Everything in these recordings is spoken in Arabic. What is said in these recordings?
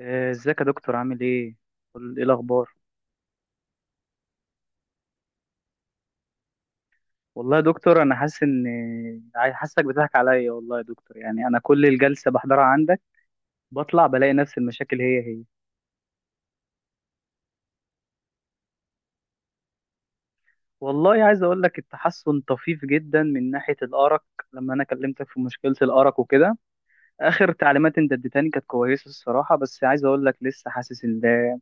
إيه، ازيك يا دكتور؟ عامل ايه؟ ايه الاخبار؟ والله يا دكتور انا حاسس ان حاسسك بتضحك عليا. والله يا دكتور، يعني انا كل الجلسه بحضرها عندك بطلع بلاقي نفس المشاكل هي هي. والله عايز اقول لك، التحسن طفيف جدا من ناحيه الارق. لما انا كلمتك في مشكله الارق وكده، اخر تعليمات انت اديتني كانت كويسه الصراحه، بس عايز اقول لك لسه حاسس ان ده.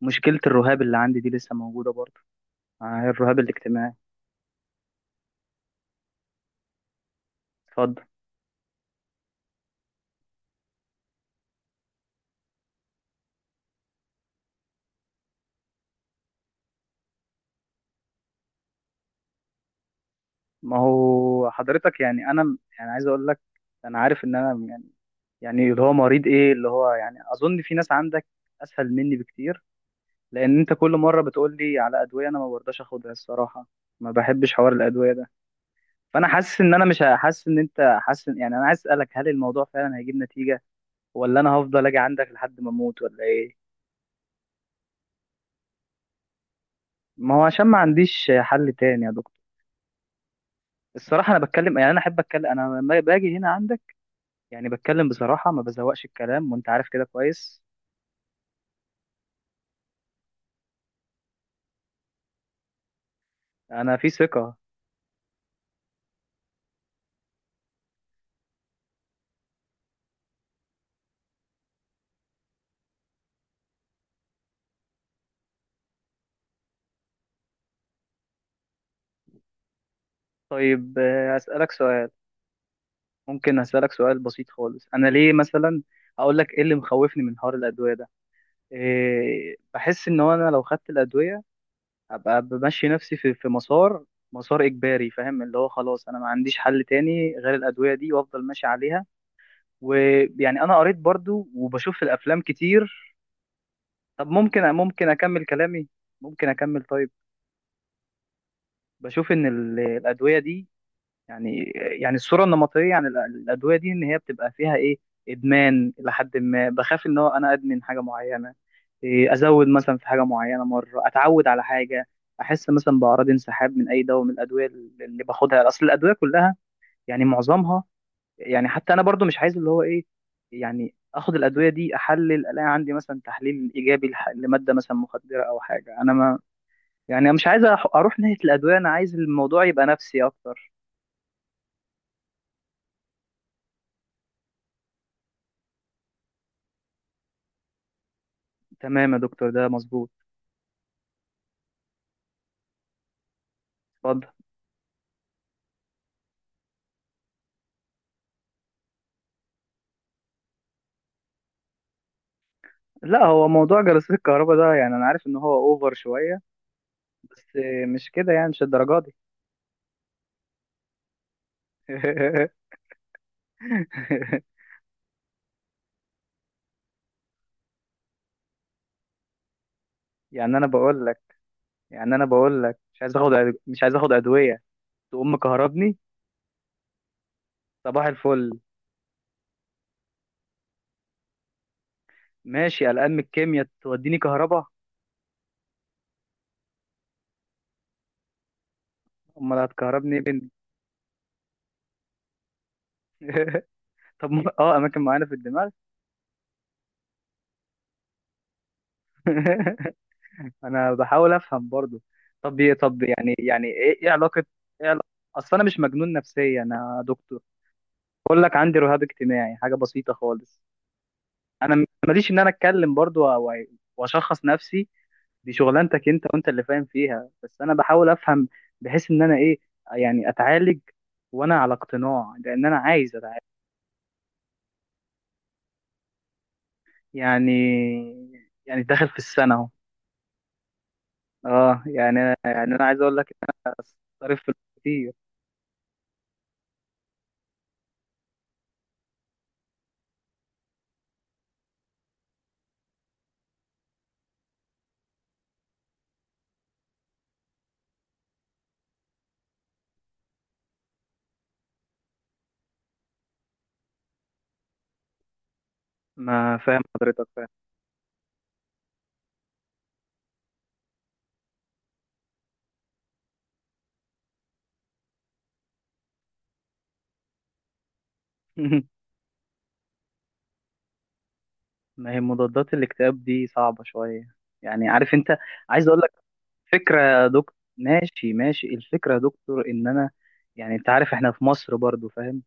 مشكله الرهاب اللي عندي دي لسه موجوده برضه. آه، الرهاب الاجتماعي. اتفضل. ما هو حضرتك، يعني انا يعني عايز اقول لك، انا عارف ان انا يعني اللي هو مريض، ايه اللي هو يعني، اظن في ناس عندك اسهل مني بكتير. لان انت كل مره بتقول لي على ادويه، انا ما برضاش اخدها الصراحه. ما بحبش حوار الادويه ده. فانا حاسس ان انا مش ه- حاسس ان انت يعني انا عايز اسالك، هل الموضوع فعلا هيجيب نتيجه؟ ولا انا هفضل اجي عندك لحد ما اموت ولا ايه؟ ما هو عشان ما عنديش حل تاني يا دكتور. الصراحه انا بتكلم، يعني انا احب اتكلم انا لما باجي هنا عندك. يعني بتكلم بصراحه، ما بزوقش الكلام، وانت عارف كده كويس. انا في ثقه. طيب، اسالك سؤال. ممكن أسألك سؤال بسيط خالص؟ أنا ليه مثلا أقول لك إيه اللي مخوفني من حوار الأدوية ده؟ إيه، بحس إن هو أنا لو خدت الأدوية هبقى بمشي نفسي في مسار. مسار إجباري، فاهم؟ اللي هو خلاص أنا ما عنديش حل تاني غير الأدوية دي، وأفضل ماشي عليها. ويعني أنا قريت برضو، وبشوف في الأفلام كتير. طب ممكن أكمل كلامي؟ ممكن أكمل؟ طيب. بشوف إن الأدوية دي يعني يعني الصورة النمطية عن الأدوية دي إن هي بتبقى فيها إيه؟ إدمان. إلى حد ما بخاف إن هو أنا أدمن حاجة معينة. إيه، أزود مثلا في حاجة معينة، مرة أتعود على حاجة. أحس مثلا بأعراض انسحاب من أي دواء من الأدوية اللي باخدها، أصل الأدوية كلها يعني معظمها. يعني حتى أنا برضو مش عايز اللي هو إيه، يعني آخد الأدوية دي أحلل ألاقي عندي مثلا تحليل إيجابي لمادة مثلا مخدرة أو حاجة. أنا ما يعني، أنا مش عايز أروح ناحية الأدوية، أنا عايز الموضوع يبقى نفسي أكتر. تمام يا دكتور، ده مظبوط. اتفضل. لا، هو موضوع جلسات الكهرباء ده يعني انا عارف ان هو اوفر شويه، بس مش كده يعني، مش الدرجه دي. يعني انا بقول لك يعني انا بقول لك مش عايز اخد ادويه تقوم مكهربني. صباح الفل. ماشي، قلقان من الكيمياء توديني كهرباء. امال هتكهربني ايه بنت؟ طب اماكن معينه في الدماغ. انا بحاول افهم برضو. طب، طب، يعني إيه علاقه؟ ايه علاقه؟ اصل انا مش مجنون نفسيا، انا دكتور. بقول لك عندي رهاب اجتماعي، حاجه بسيطه خالص. انا ماليش ان انا اتكلم برضو واشخص نفسي. دي شغلانتك انت، وانت اللي فاهم فيها، بس انا بحاول افهم. بحيث ان انا ايه، يعني اتعالج وانا على اقتناع، لان انا عايز اتعالج. يعني يعني داخل في السنه اهو. اه، يعني انا عايز اقول لك ان انا صارف في الفلوس كتير. ما فاهم حضرتك فاهم. ما هي مضادات الاكتئاب دي صعبه شويه، يعني عارف انت. عايز اقول فكرة يا دكتور. ماشي، ماشي، الفكرة يا دكتور ان انا، يعني انت عارف احنا في مصر برضو، فاهم؟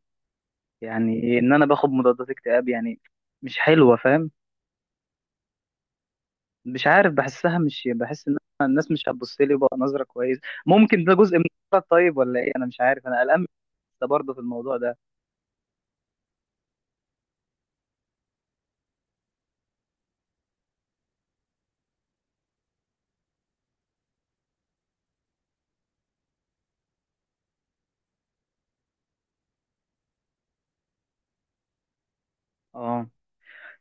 يعني إيه ان انا باخد مضادات اكتئاب يعني؟ مش حلوة، فاهم؟ مش عارف، بحسها، مش بحس ان أنا الناس مش هتبص لي بقى نظرة كويس. ممكن ده جزء من الفكرة، طيب، ولا ايه؟ انا مش عارف، انا قلقان. ده برضه في الموضوع ده. اه.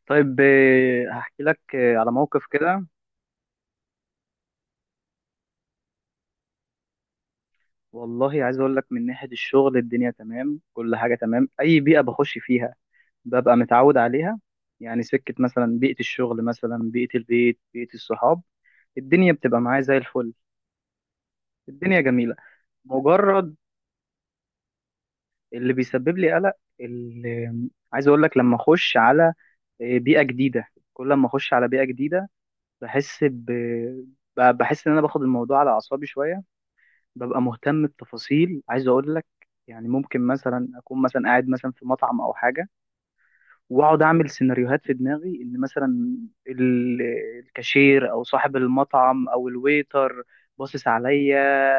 طيب، هحكي لك على موقف كده. والله عايز اقول لك، من ناحية الشغل الدنيا تمام، كل حاجة تمام. اي بيئة بخش فيها ببقى متعود عليها، يعني سكة مثلا، بيئة الشغل مثلا، بيئة البيت، بيئة الصحاب، الدنيا بتبقى معايا زي الفل. الدنيا جميلة. مجرد، اللي بيسبب لي قلق، اللي، عايز اقول لك لما اخش على بيئة جديدة. كل ما اخش على بيئة جديدة بحس ب... بحس ان انا باخد الموضوع على اعصابي شوية. ببقى مهتم بتفاصيل، عايز اقول لك، يعني ممكن مثلا اكون مثلا قاعد مثلا في مطعم او حاجة، واقعد اعمل سيناريوهات في دماغي ان مثلا ال- الكاشير او صاحب المطعم او الويتر باصص عليا.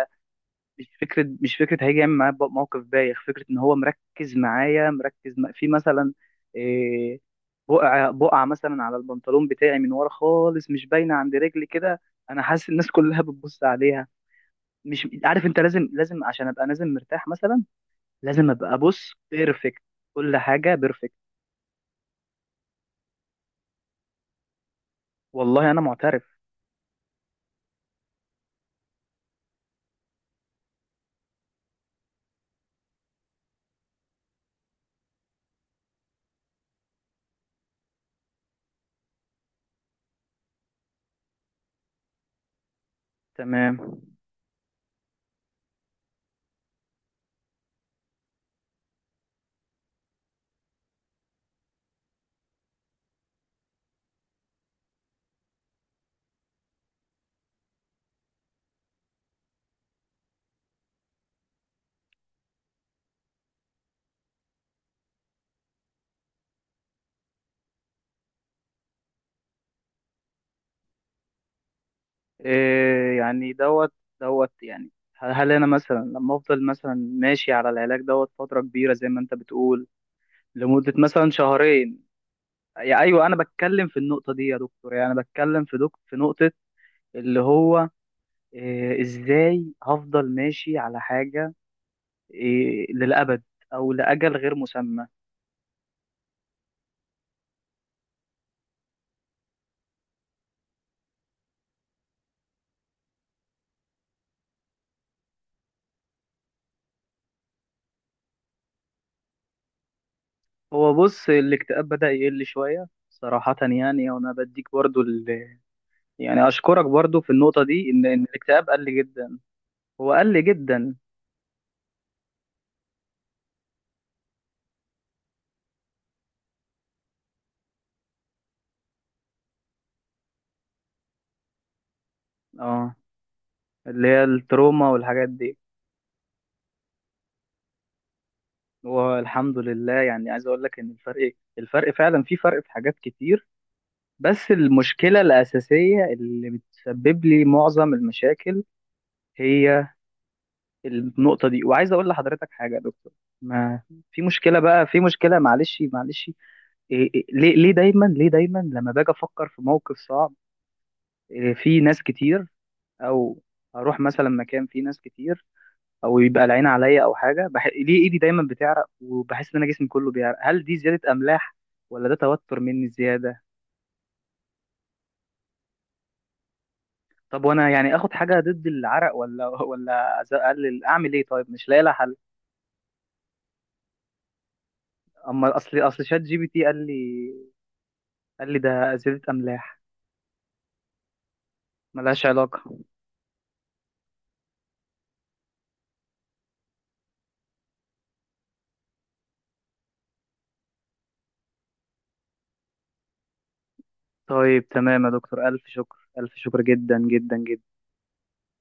مش فكره هيجي يعمل معايا موقف بايخ، فكره ان هو مركز معايا، مركز في مثلا إيه، بقعه بقعه مثلا على البنطلون بتاعي من ورا خالص، مش باينه عند رجلي كده، انا حاسس الناس كلها بتبص عليها. مش عارف، انت لازم، لازم عشان ابقى نازل مرتاح مثلا، لازم ابقى بص بيرفكت، كل حاجه بيرفكت. والله انا معترف. تمام. إيه يعني دوت؟ دوت يعني، هل انا مثلا لما افضل مثلا ماشي على العلاج دوت فتره كبيره زي ما انت بتقول، لمده مثلا شهرين؟ يا ايوه، انا بتكلم في النقطه دي يا دكتور، يعني انا بتكلم في دك في نقطه، اللي هو إيه، ازاي هفضل ماشي على حاجه إيه للابد او لاجل غير مسمى؟ هو بص، الاكتئاب بدا يقل شويه صراحه، يعني وانا بديك برضو يعني اشكرك برضو في النقطه دي إن الاكتئاب قل جدا. هو قل جدا. اه. اللي هي التروما والحاجات دي. والحمد لله، يعني عايز اقول لك ان الفرق فعلا في فرق في حاجات كتير. بس المشكلة الأساسية اللي بتسبب لي معظم المشاكل هي النقطة دي، وعايز اقول لحضرتك حاجة يا دكتور. ما، في مشكلة بقى، في مشكلة، معلش، معلش، إيه ليه دايما لما باجي افكر في موقف صعب، إيه، في ناس كتير، او اروح مثلا مكان فيه ناس كتير، او يبقى العين عليا او حاجه، ليه ايدي دايما بتعرق وبحس ان انا جسمي كله بيعرق؟ هل دي زياده املاح ولا ده توتر مني زياده؟ طب وانا يعني اخد حاجه ضد العرق، ولا ولا اقلل، اعمل ايه طيب؟ مش لاقي لها حل. اما اصل شات GPT قال لي ده زياده املاح. ملهاش علاقه. طيب تمام يا دكتور، الف شكر، الف شكر جدا جدا جدا.